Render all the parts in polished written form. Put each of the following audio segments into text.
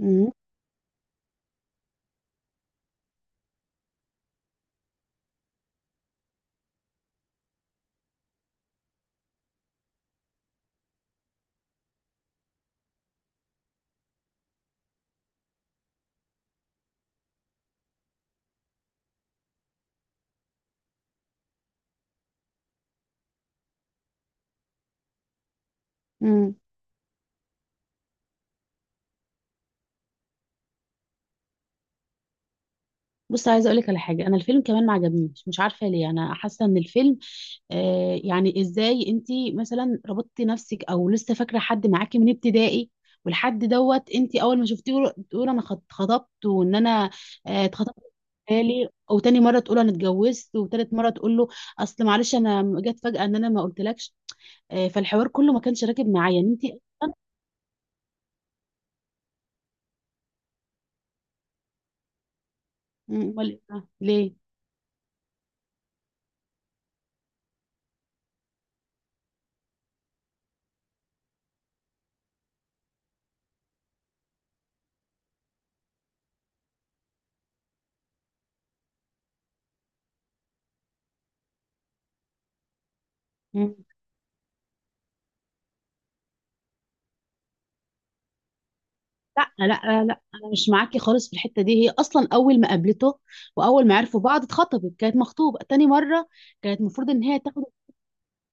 امم امم بص، عايزه اقول لك على حاجه. انا الفيلم كمان ما عجبنيش، مش عارفه ليه. انا حاسه ان الفيلم يعني ازاي انت مثلا ربطتي نفسك او لسه فاكره حد معاكي من ابتدائي، والحد دوت انت اول ما شفتيه تقول انا خطبت، وان انا اتخطبت بالي، وتاني مره تقول انا اتجوزت، وتالت مره تقول له اصل معلش انا جت فجاه ان انا ما قلتلكش. فالحوار كله ما كانش راكب معايا ان انت... امال إيه؟ ليه؟ لا لا لا، انا مش معاكي خالص في الحته دي. هي اصلا اول ما قابلته واول ما عرفوا بعض اتخطبت، كانت مخطوبه تاني مره، كانت المفروض ان هي تاخد.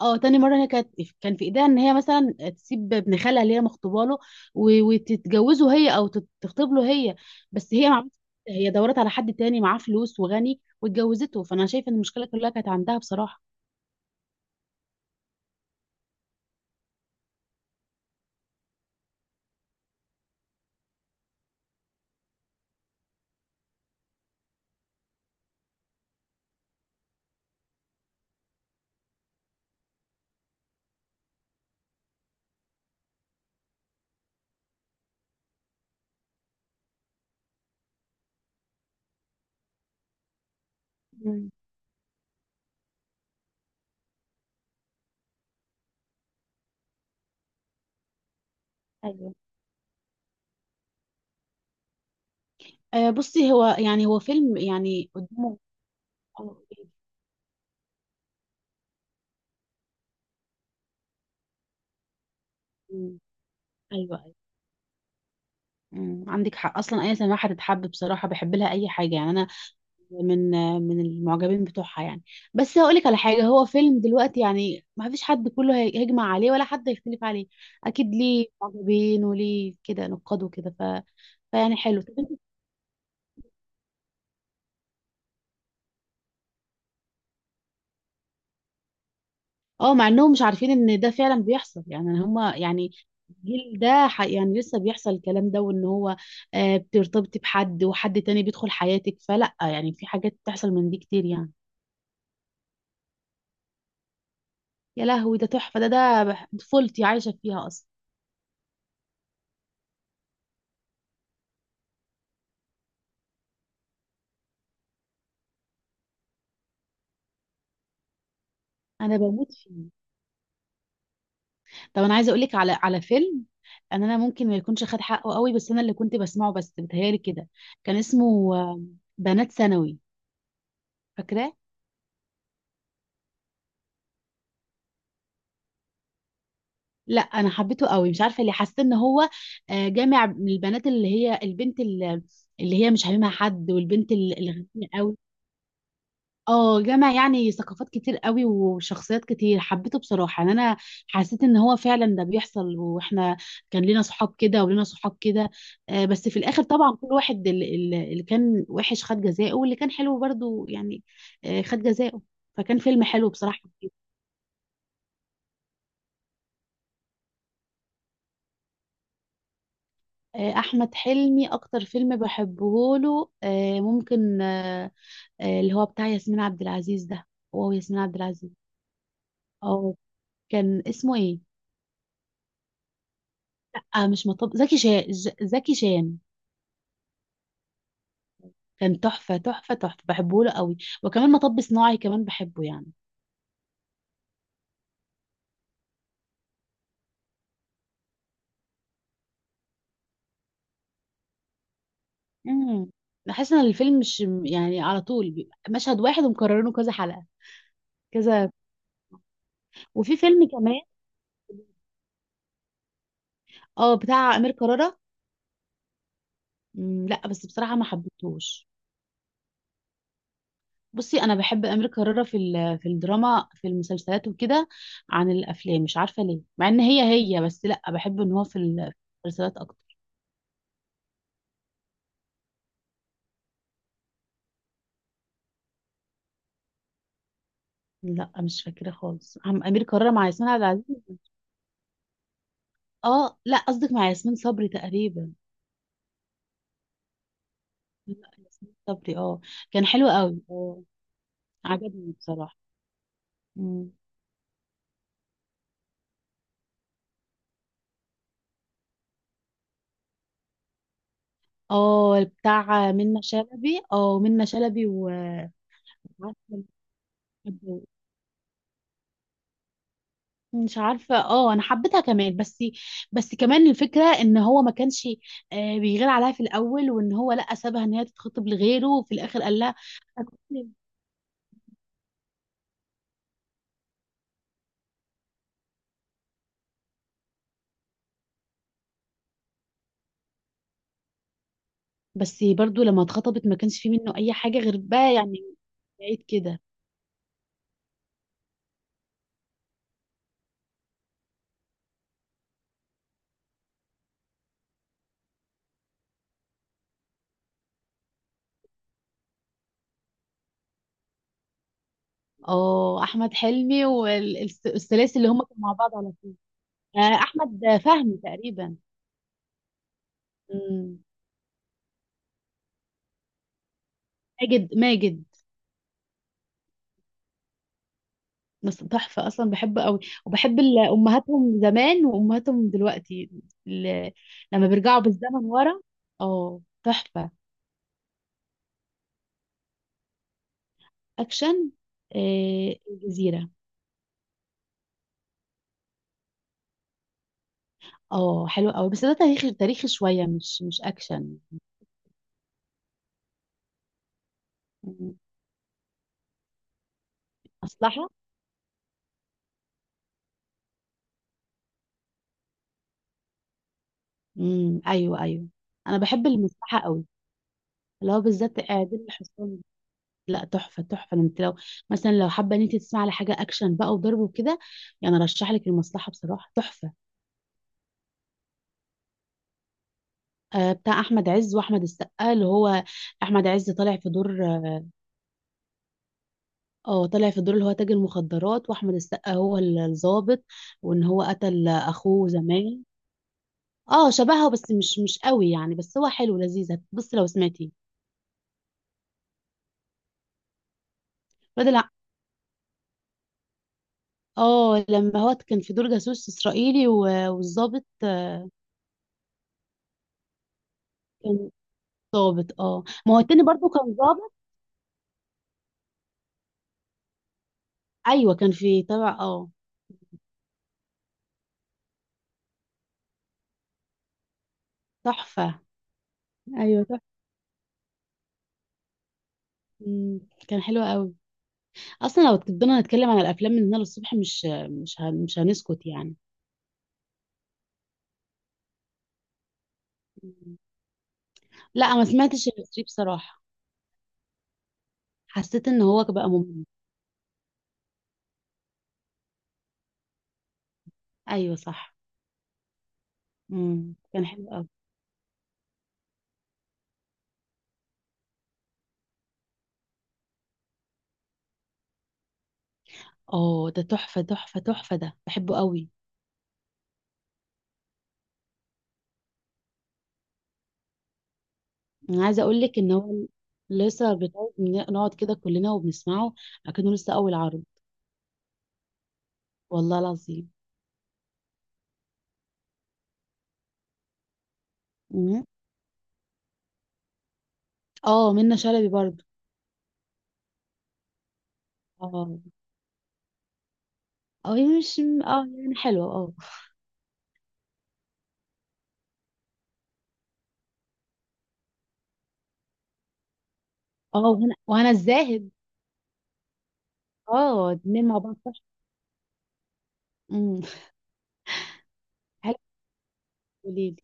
اه، تاني مره هي كانت كان في ايديها ان هي مثلا تسيب ابن خالها اللي هي مخطوبه له وتتجوزه هي، او تخطب له هي. بس هي ما عملتش كده. هي دورت على حد تاني معاه فلوس وغني واتجوزته، فانا شايفه ان المشكله كلها كانت عندها بصراحه. مم. ايوه. بصي، هو يعني هو فيلم يعني قدامه. آه، مم. ايوه. عندك حق، اصلا اي سماحه تتحب بصراحه، بحب لها اي حاجه يعني. انا من من المعجبين بتوعها يعني. بس هقول لك على حاجه، هو فيلم دلوقتي يعني ما فيش حد كله هيجمع عليه ولا حد هيختلف عليه. اكيد ليه معجبين وليه كده نقاد وكده، ف... فيعني حلو. طب انت، اه، مع انهم مش عارفين ان ده فعلا بيحصل يعني. هما يعني الجيل ده يعني لسه بيحصل الكلام ده، وان هو بترتبطي بحد وحد تاني بيدخل حياتك، فلا، يعني في حاجات بتحصل من دي كتير يعني. يا لهوي ده تحفه، طفولتي عايشه فيها اصلا. انا بموت فيه. طب انا عايزه اقول لك على فيلم، ان انا ممكن ما يكونش خد حقه قوي، بس انا اللي كنت بسمعه بس بتهيالي كده كان اسمه بنات ثانوي، فاكراه؟ لا، انا حبيته قوي، مش عارفه ليه. حسيت ان هو جامع من البنات، اللي هي البنت اللي اللي هي مش حبيبها حد، والبنت اللي غنيه قوي. اه، جمع يعني ثقافات كتير قوي وشخصيات كتير، حبيته بصراحة يعني. انا حسيت ان هو فعلا ده بيحصل، واحنا كان لنا صحاب كده ولنا صحاب كده. بس في الاخر طبعا كل واحد، اللي كان وحش خد جزاءه، واللي كان حلو برضو يعني خد جزاءه. فكان فيلم حلو بصراحة. احمد حلمي اكتر فيلم بحبه له ممكن اللي هو بتاع ياسمين عبد العزيز ده. هو ياسمين عبد العزيز. اه، كان اسمه ايه؟ مش مطب، زكي شان، زكي شان. كان تحفة تحفة تحفة، بحبه له قوي. وكمان مطب صناعي كمان بحبه يعني. امم بحس ان الفيلم مش يعني، على طول بيبقى مشهد واحد ومكررينه كذا حلقة كذا. وفي فيلم كمان، اه، بتاع امير كرارة. لا بس بصراحة ما حبيتهوش. بصي، انا بحب امير كرارة في الدراما، في المسلسلات وكده. عن الافلام مش عارفة ليه، مع ان هي هي بس لا. بحب ان هو في ال- في المسلسلات اكتر. لا، مش فاكرة خالص عم امير كرارة مع ياسمين عبد العزيز. اه لا، قصدك مع ياسمين صبري تقريبا. لا، ياسمين صبري، اه. كان حلو قوي، اه. عجبني بصراحة. مم. اه، بتاع منة شلبي، اه منة شلبي. مش عارفة، اه. انا حبيتها كمان، بس بس كمان الفكرة ان هو ما كانش بيغير عليها في الاول، وان هو لا، سابها ان هي تتخطب لغيره، وفي الاخر قال لها أكون- بس برضو لما اتخطبت ما كانش فيه منه اي حاجة غير بقى يعني. بعيد كده. اه، احمد حلمي والثلاثي اللي هم كانوا مع بعض على احمد فهمي تقريبا. مم. ماجد ماجد. بس تحفه اصلا، بحبه قوي. وبحب امهاتهم زمان وامهاتهم دلوقتي ال- لما بيرجعوا بالزمن ورا. اه تحفه. اكشن. الجزيره. اه حلو قوي، بس ده تاريخي تاريخي شويه، مش اكشن. مم. مصلحه. ايوه ايوه. انا بحب المصلحه قوي، اللي هو بالذات عادل الحصان. لا، تحفه تحفه، انت لو مثلا لو حابه ان انت تسمعي على حاجه اكشن بقى وضرب وكده، يعني ارشح لك المصلحه بصراحه، تحفه. بتاع احمد عز واحمد السقا، اللي هو احمد عز طالع في دور. اه، طالع في دور اللي هو تاجر المخدرات، واحمد السقا هو الضابط، وان هو قتل اخوه زمان. اه شبهها، بس مش قوي يعني، بس هو حلو لذيذ، بص لو سمعتيه. بدل لا. اه لما هو كان في دور جاسوس اسرائيلي والضابط، كان ضابط. اه، ما هو التاني برضه كان ضابط. ايوه، كان في تبع، اه. تحفه. ايوه تحفه. مم، كان حلو قوي. اصلا لو فضلنا نتكلم عن الافلام من هنا للصبح، مش هنسكت يعني. مم. لا، ما سمعتش الاسطى بصراحه، حسيت ان هو بقى ممل. ايوه صح. مم. كان حلو قوي، اه. ده تحفه تحفه تحفه، ده بحبه قوي. انا عايزه اقول لك ان هو لسه بتاعي، نقعد كده كلنا وبنسمعه اكنه لسه اول عرض. والله العظيم. مم. اه منة شلبي برضه. اه اه، يعني مش، اه يعني حلوة، اه. اه، وهنا وهنا الزاهد. اه، اتنين مع بعض، صح. امم حلو. قوليلي.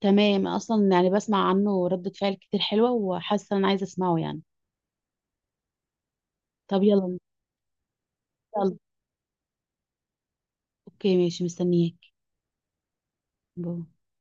تمام، اصلا يعني بسمع عنه ردة فعل كتير حلوة، وحاسة ان انا عايزة اسمعه يعني. طب يلا. يلا. اوكي ماشي، مستنياك. باي.